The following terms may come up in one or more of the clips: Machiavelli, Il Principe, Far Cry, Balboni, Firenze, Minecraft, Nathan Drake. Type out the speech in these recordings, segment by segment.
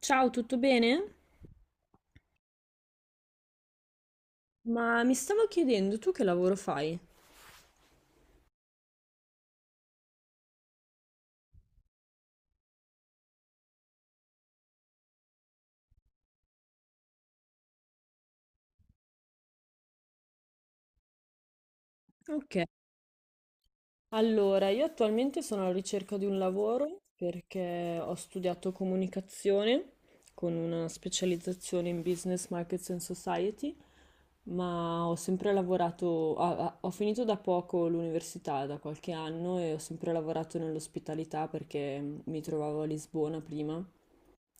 Ciao, tutto bene? Ma mi stavo chiedendo, tu che lavoro fai? Ok, allora io attualmente sono alla ricerca di un lavoro perché ho studiato comunicazione con una specializzazione in business, markets and society, ma ho sempre lavorato, ho finito da poco l'università, da qualche anno, e ho sempre lavorato nell'ospitalità perché mi trovavo a Lisbona prima.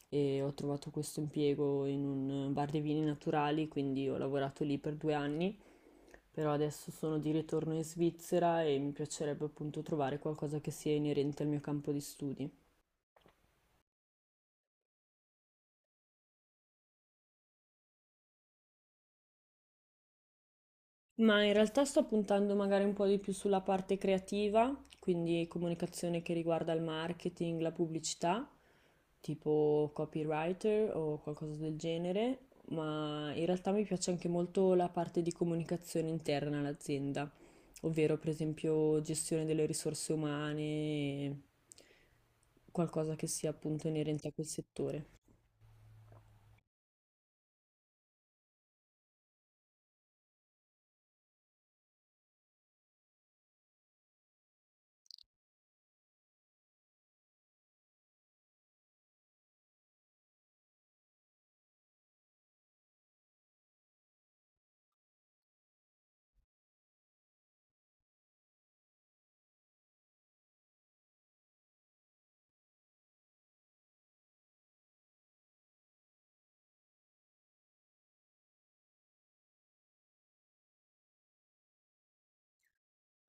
E ho trovato questo impiego in un bar dei vini naturali, quindi ho lavorato lì per 2 anni, però adesso sono di ritorno in Svizzera e mi piacerebbe appunto trovare qualcosa che sia inerente al mio campo di studi. Ma in realtà sto puntando magari un po' di più sulla parte creativa, quindi comunicazione che riguarda il marketing, la pubblicità, tipo copywriter o qualcosa del genere, ma in realtà mi piace anche molto la parte di comunicazione interna all'azienda, ovvero per esempio gestione delle risorse umane, qualcosa che sia appunto inerente a quel settore.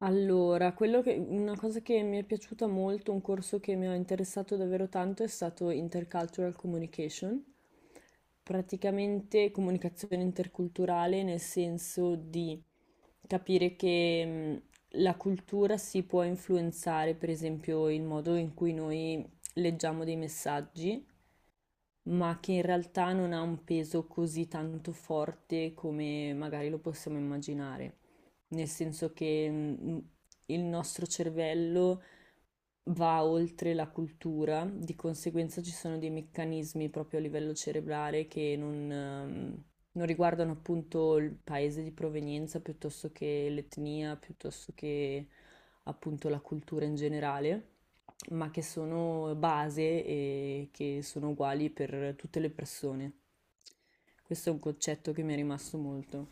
Allora, una cosa che mi è piaciuta molto, un corso che mi ha interessato davvero tanto è stato Intercultural Communication, praticamente comunicazione interculturale nel senso di capire che la cultura si può influenzare, per esempio, il modo in cui noi leggiamo dei messaggi, ma che in realtà non ha un peso così tanto forte come magari lo possiamo immaginare. Nel senso che il nostro cervello va oltre la cultura, di conseguenza ci sono dei meccanismi proprio a livello cerebrale che non, non riguardano appunto il paese di provenienza piuttosto che l'etnia, piuttosto che appunto la cultura in generale, ma che sono base e che sono uguali per tutte le persone. Questo è un concetto che mi è rimasto molto.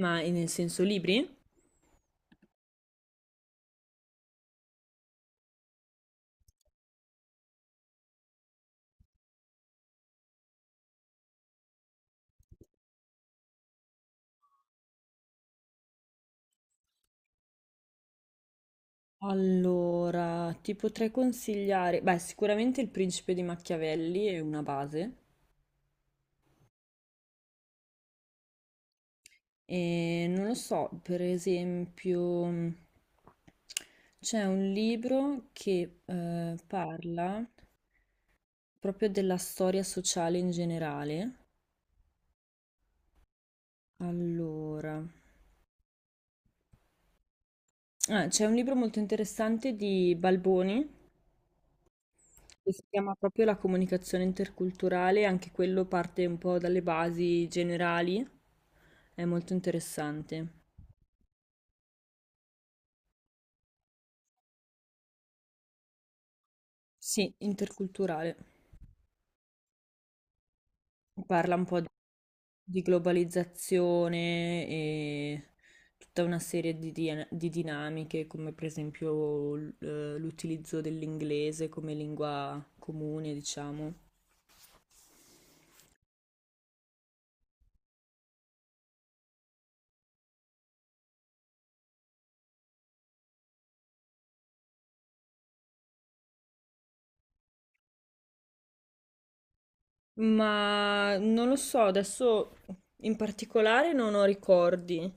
Ma nel senso libri? Allora, ti potrei consigliare, beh, sicuramente Il Principe di Machiavelli è una base. E non lo so, per esempio, c'è un libro che parla proprio della storia sociale in generale. Allora. Ah, c'è un libro molto interessante di Balboni che si chiama proprio La comunicazione interculturale, anche quello parte un po' dalle basi generali, è molto interessante. Sì, interculturale. Parla un po' di globalizzazione e tutta una serie di, di dinamiche, come per esempio l'utilizzo dell'inglese come lingua comune, diciamo. Ma non lo so, adesso in particolare non ho ricordi,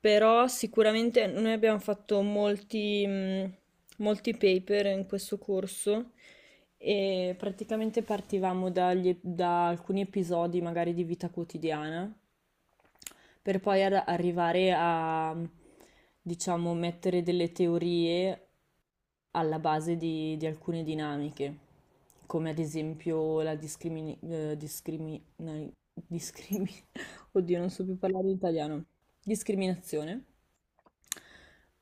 però sicuramente noi abbiamo fatto molti, molti paper in questo corso e praticamente partivamo da alcuni episodi magari di vita quotidiana per poi arrivare a, diciamo, mettere delle teorie alla base di, alcune dinamiche, come ad esempio la discrimi- Oddio, non so più parlare italiano. Discriminazione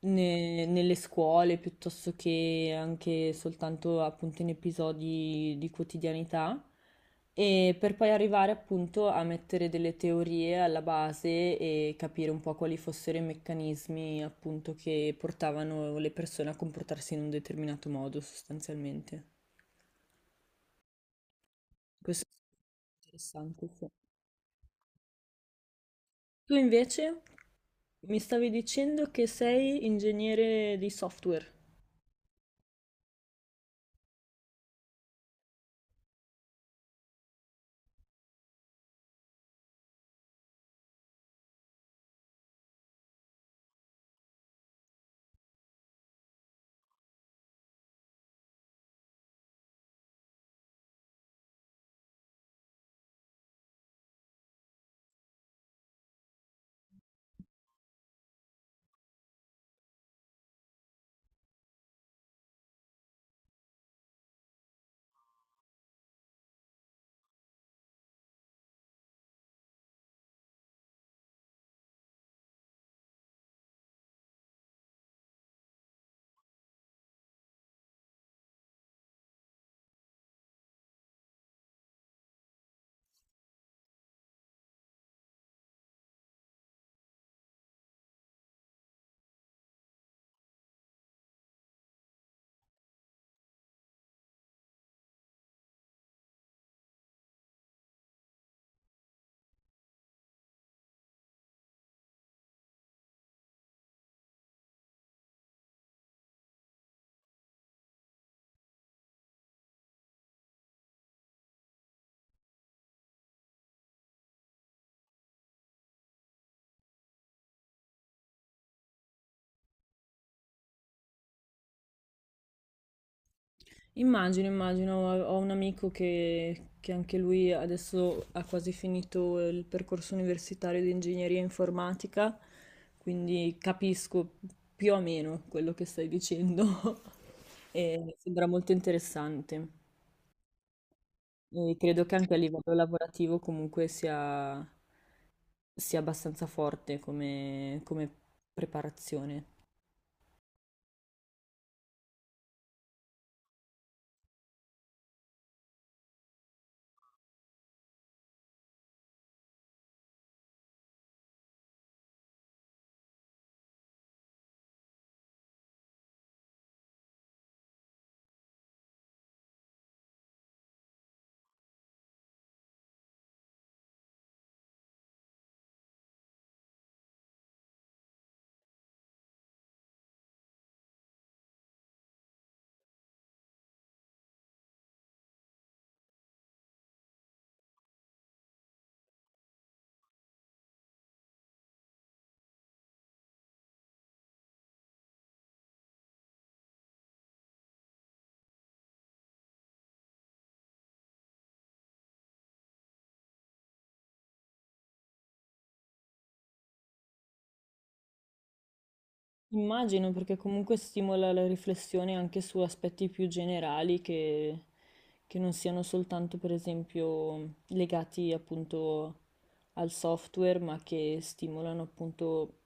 nelle scuole piuttosto che anche soltanto appunto in episodi di quotidianità, e per poi arrivare appunto a mettere delle teorie alla base e capire un po' quali fossero i meccanismi appunto che portavano le persone a comportarsi in un determinato modo sostanzialmente. Questo è interessante, sì. Tu invece, mi stavi dicendo che sei ingegnere di software. Immagino, immagino, ho un amico che anche lui adesso ha quasi finito il percorso universitario di ingegneria informatica, quindi capisco più o meno quello che stai dicendo e sembra molto interessante. E credo che anche a livello lavorativo comunque sia abbastanza forte come, come preparazione. Immagino perché comunque stimola la riflessione anche su aspetti più generali che non siano soltanto, per esempio, legati appunto al software, ma che stimolano appunto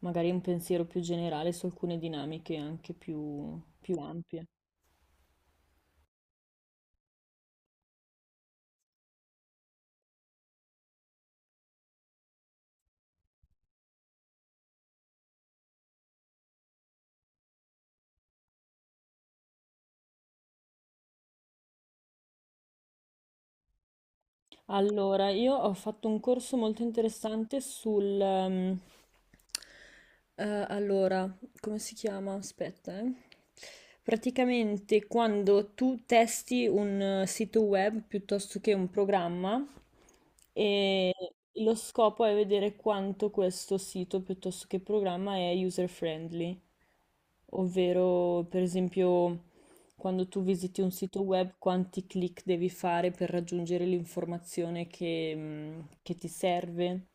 magari un pensiero più generale su alcune dinamiche anche più ampie. Allora, io ho fatto un corso molto interessante sul eh, allora, come si chiama? Aspetta, eh. Praticamente quando tu testi un sito web piuttosto che un programma e lo scopo è vedere quanto questo sito piuttosto che programma è user friendly, ovvero per esempio quando tu visiti un sito web, quanti click devi fare per raggiungere l'informazione che, che ti serve?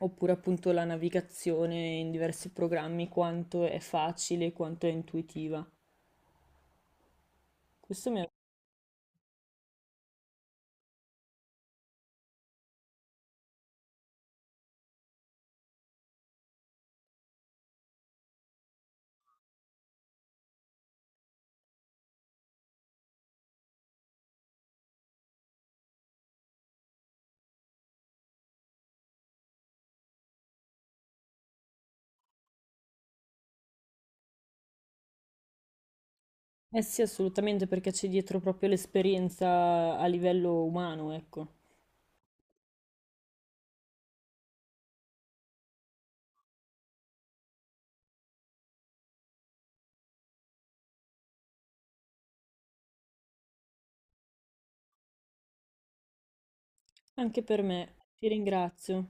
Oppure appunto la navigazione in diversi programmi, quanto è facile, quanto è intuitiva. Questo mi ha. Eh sì, assolutamente, perché c'è dietro proprio l'esperienza a livello umano, ecco. Anche per me. Ti ringrazio.